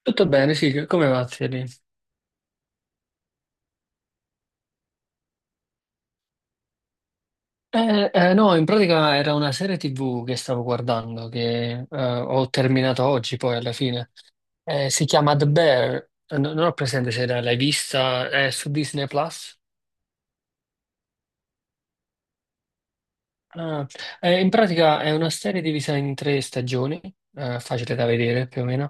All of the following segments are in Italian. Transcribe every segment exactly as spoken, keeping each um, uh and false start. Tutto bene, sì, come va, Thierry? Eh, eh, no, in pratica era una serie tivù che stavo guardando, che eh, ho terminato oggi poi alla fine. Eh, si chiama The Bear. Eh, no- non ho presente se l'hai vista, è su Disney Plus. Ah, eh, in pratica è una serie divisa in tre stagioni, eh, facile da vedere più o meno,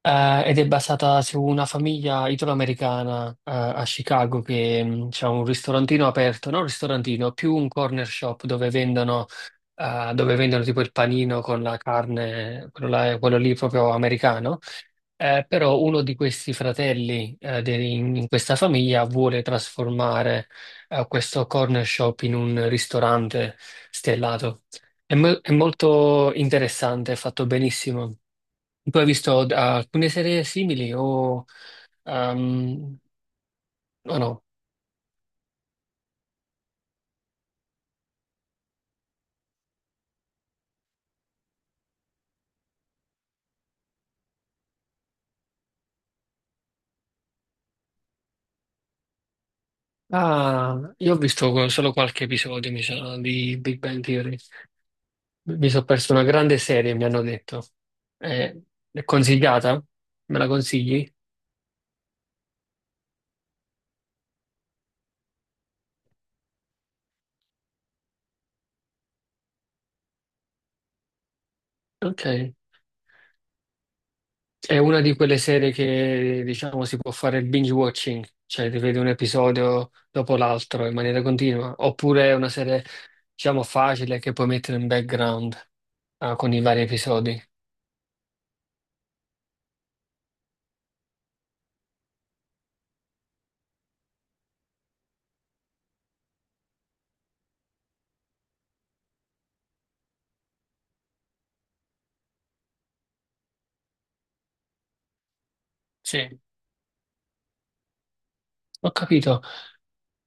eh, ed è basata su una famiglia italoamericana eh, a Chicago che ha un ristorantino aperto, non un ristorantino, più un corner shop dove vendono eh, dove vendono tipo il panino con la carne, quello, là- quello lì proprio americano. Eh, però uno di questi fratelli eh, de- in, in questa famiglia vuole trasformare eh, questo corner shop in un ristorante stellato. È, mo- è molto interessante, è fatto benissimo. Tu hai visto eh, alcune serie simili o, ehm, o no? Ah, io ho visto solo qualche episodio, mi sa, di Big Bang Theory. Mi sono perso una grande serie, mi hanno detto. È, è consigliata? Me la consigli? Ok. È una di quelle serie che, diciamo, si può fare il binge watching, cioè ti vedi un episodio dopo l'altro in maniera continua, oppure è una serie, diciamo, facile che puoi mettere in background, ah, con i vari episodi. Sì, ho capito.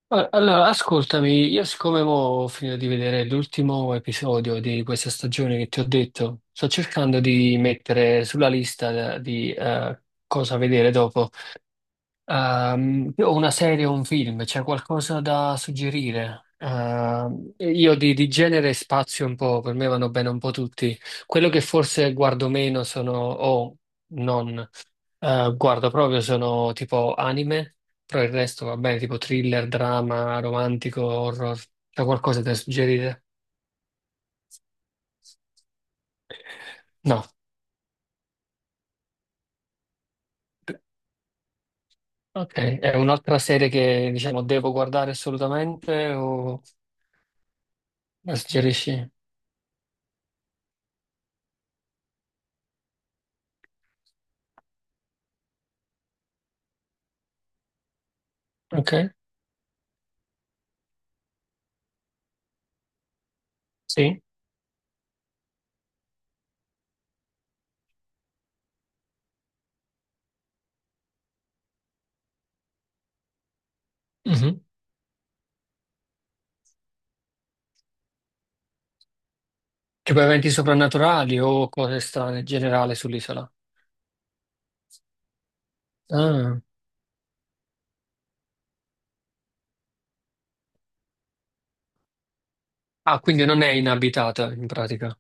Allora, allora, ascoltami, io siccome mo ho finito di vedere l'ultimo episodio di questa stagione che ti ho detto, sto cercando di mettere sulla lista eh, di eh, cosa vedere dopo. Ehm, o una serie o un film, c'è qualcosa da suggerire? Ehm, io di, di genere spazio un po', per me vanno bene un po' tutti. Quello che forse guardo meno sono, o non. Eh, guardo proprio sono tipo anime, però il resto va bene, tipo thriller, drama, romantico, horror. C'è qualcosa da suggerire? No. Ok, è un'altra serie che diciamo devo guardare assolutamente o la suggerisci? Ok, sì. Mhm. Tipo eventi soprannaturali o cose strane in generale sull'isola. Ah. Ah, quindi non è inabitata in pratica.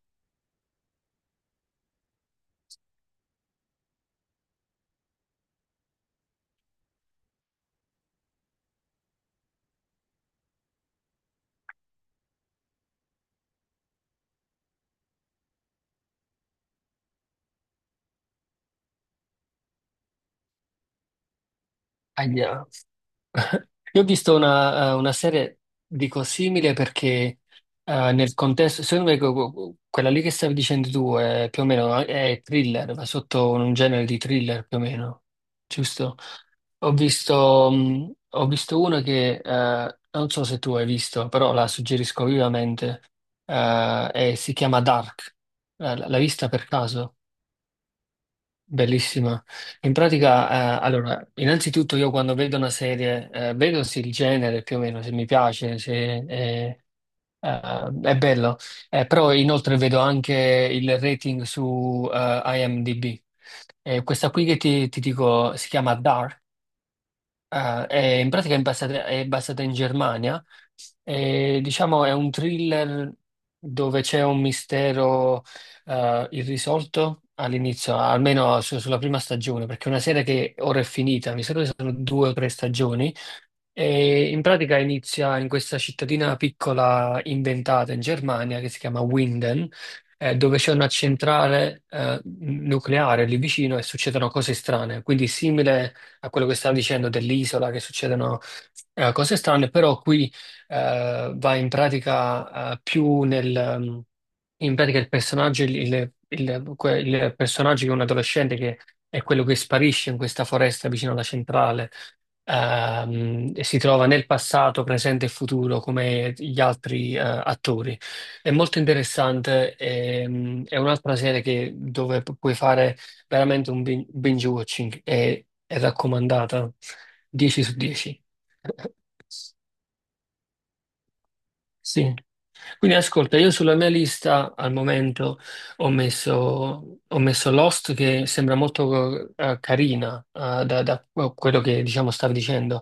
Ahia. Io ho visto una, eh, una serie, dico, simile perché eh, nel contesto, secondo me que- que- quella lì che stavi dicendo tu è più o meno eh, è thriller, va sotto un genere di thriller più o meno, giusto? Ho visto, mh, ho visto una che eh, non so se tu hai visto, però la suggerisco vivamente, eh, e si chiama Dark. Eh, l- l'hai vista per caso? Bellissima. In pratica, eh, allora, innanzitutto io quando vedo una serie, eh, vedo se il genere più o meno, se mi piace, se eh, eh, è bello. Eh, però inoltre vedo anche il rating su eh, IMDb. Eh, questa qui che ti, ti dico si chiama Dark. Ah, è- in pratica è basata, è basata, in Germania e diciamo è un thriller dove c'è un mistero eh, irrisolto all'inizio, almeno su- sulla prima stagione, perché è una serie che ora è finita, mi sa che sono due o tre stagioni e in pratica inizia in questa cittadina piccola inventata in Germania che si chiama Winden, eh, dove c'è una centrale eh, nucleare lì vicino e succedono cose strane. Quindi simile a quello che stavo dicendo dell'isola, che succedono eh, cose strane, però qui eh, va in pratica eh, più nel... mm, in pratica il personaggio, il, il- il- que- il personaggio che è un adolescente che è quello che sparisce in questa foresta vicino alla centrale, ehm, si trova nel passato, presente e futuro come gli altri eh, attori. È molto interessante. Ehm, è un'altra serie che, dove pu- puoi fare veramente un bin- binge watching, è, è raccomandata dieci su dieci. Sì, quindi ascolta, io sulla mia lista al momento ho messo, ho messo, Lost che sembra molto eh, carina eh, da, da quello che diciamo stavi dicendo.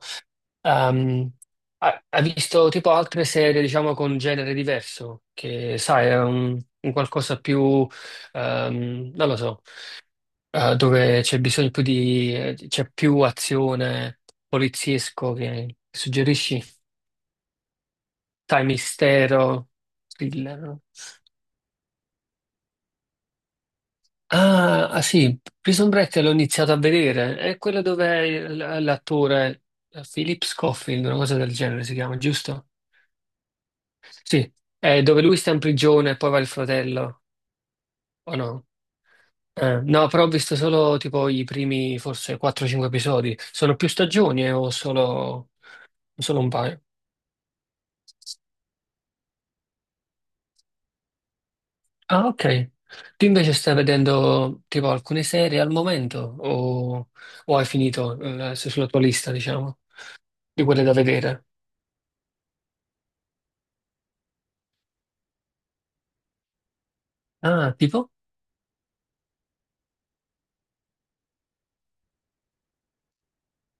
Ehm, ha, ha visto tipo altre serie, diciamo, con genere diverso, che sai, è un, un qualcosa più, ehm, non lo so, eh, dove c'è bisogno più di, eh, c'è più azione poliziesco che suggerisci, sai, mistero, thriller, no? Ah, ah, sì, Prison Break l'ho iniziato a vedere, è quello dove il- l'attore eh, Philip Scofield, una cosa del genere si chiama, giusto? Sì, è dove lui sta in prigione e poi va il fratello, o no? Eh, no, però ho visto solo tipo i primi forse quattro o cinque episodi. Sono più stagioni eh, o solo, solo, un paio? Ah, ok. Tu invece stai vedendo tipo alcune serie al momento o, o hai finito eh, su- sulla tua lista, diciamo, di quelle da vedere? Ah, tipo?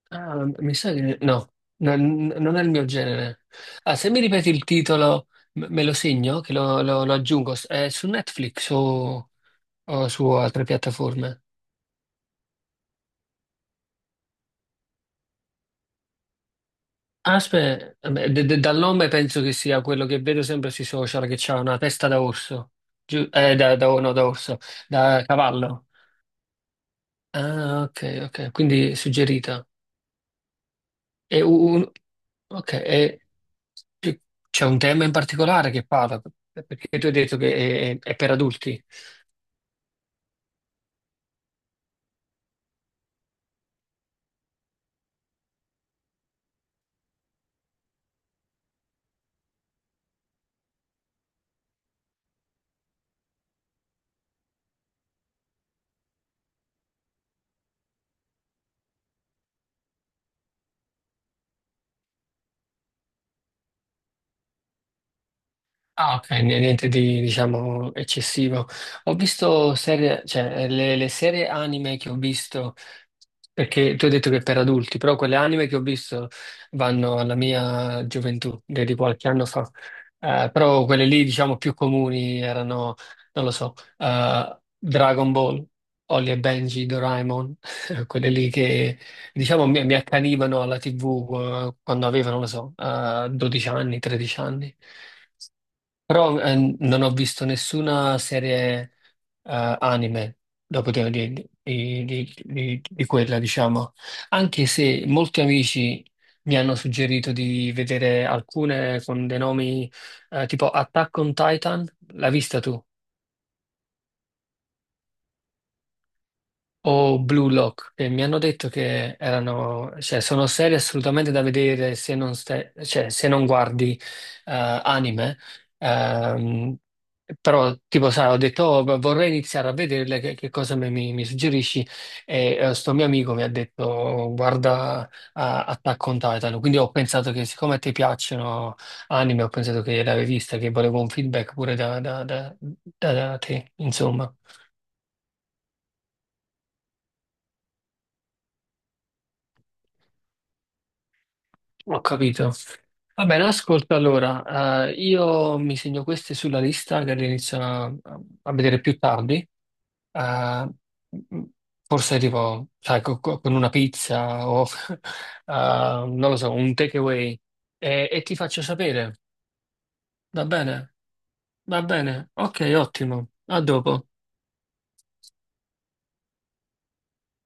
Ah, mi sa che no, non, non è il mio genere. Ah, se mi ripeti il titolo, m- me lo segno, che lo, lo- lo aggiungo. È su Netflix o, o su altre piattaforme? Aspetta, dal nome penso che sia quello che vedo sempre sui social, che c'ha una testa da orso, Giu- eh, da, da- no, da orso, da cavallo. Ah, ok, ok, quindi suggerita. E un, ok, e c- c'è un tema in particolare che parla, perché tu hai detto che è, è per adulti. Ah, ok, n- niente di, diciamo, eccessivo. Ho visto serie, cioè, le, le serie anime che ho visto. Perché tu hai detto che è per adulti, però quelle anime che ho visto vanno alla mia gioventù, di di qualche anno fa. Eh, però quelle lì, diciamo, più comuni erano, non lo so, eh, Dragon Ball, Holly e Benji, Doraemon, quelle lì che, diciamo, mi, mi accanivano alla tivù, eh, quando avevo, non lo so, eh, dodici anni, tredici anni. Però eh, non ho visto nessuna serie eh, anime dopo di, di- di- di- di- di quella, diciamo. Anche se molti amici mi hanno suggerito di vedere alcune con dei nomi eh, tipo Attack on Titan. L'hai vista tu? O Blue Lock, che mi hanno detto che erano, cioè, sono serie assolutamente da vedere se non, stai- cioè, se non guardi eh, anime. Ehm, Però, tipo, sai, ho detto, "Oh, v- vorrei iniziare a vederle, che, che cosa mi, mi- mi suggerisci?" E eh, sto mio amico mi ha detto, "Oh, guarda a Attack on Titan." Quindi ho pensato che, siccome a te piacciono anime, ho pensato che l'avevi vista, che volevo un feedback pure da da- da- da- da te, insomma. Ho capito. Va bene, ascolta allora, eh, io mi segno queste sulla lista che le inizio a, a vedere più tardi, eh, m- forse arrivo, sai, co- co- con una pizza o, eh, non lo so, un takeaway e, e ti faccio sapere, va bene? Va bene, ok, ottimo, a dopo.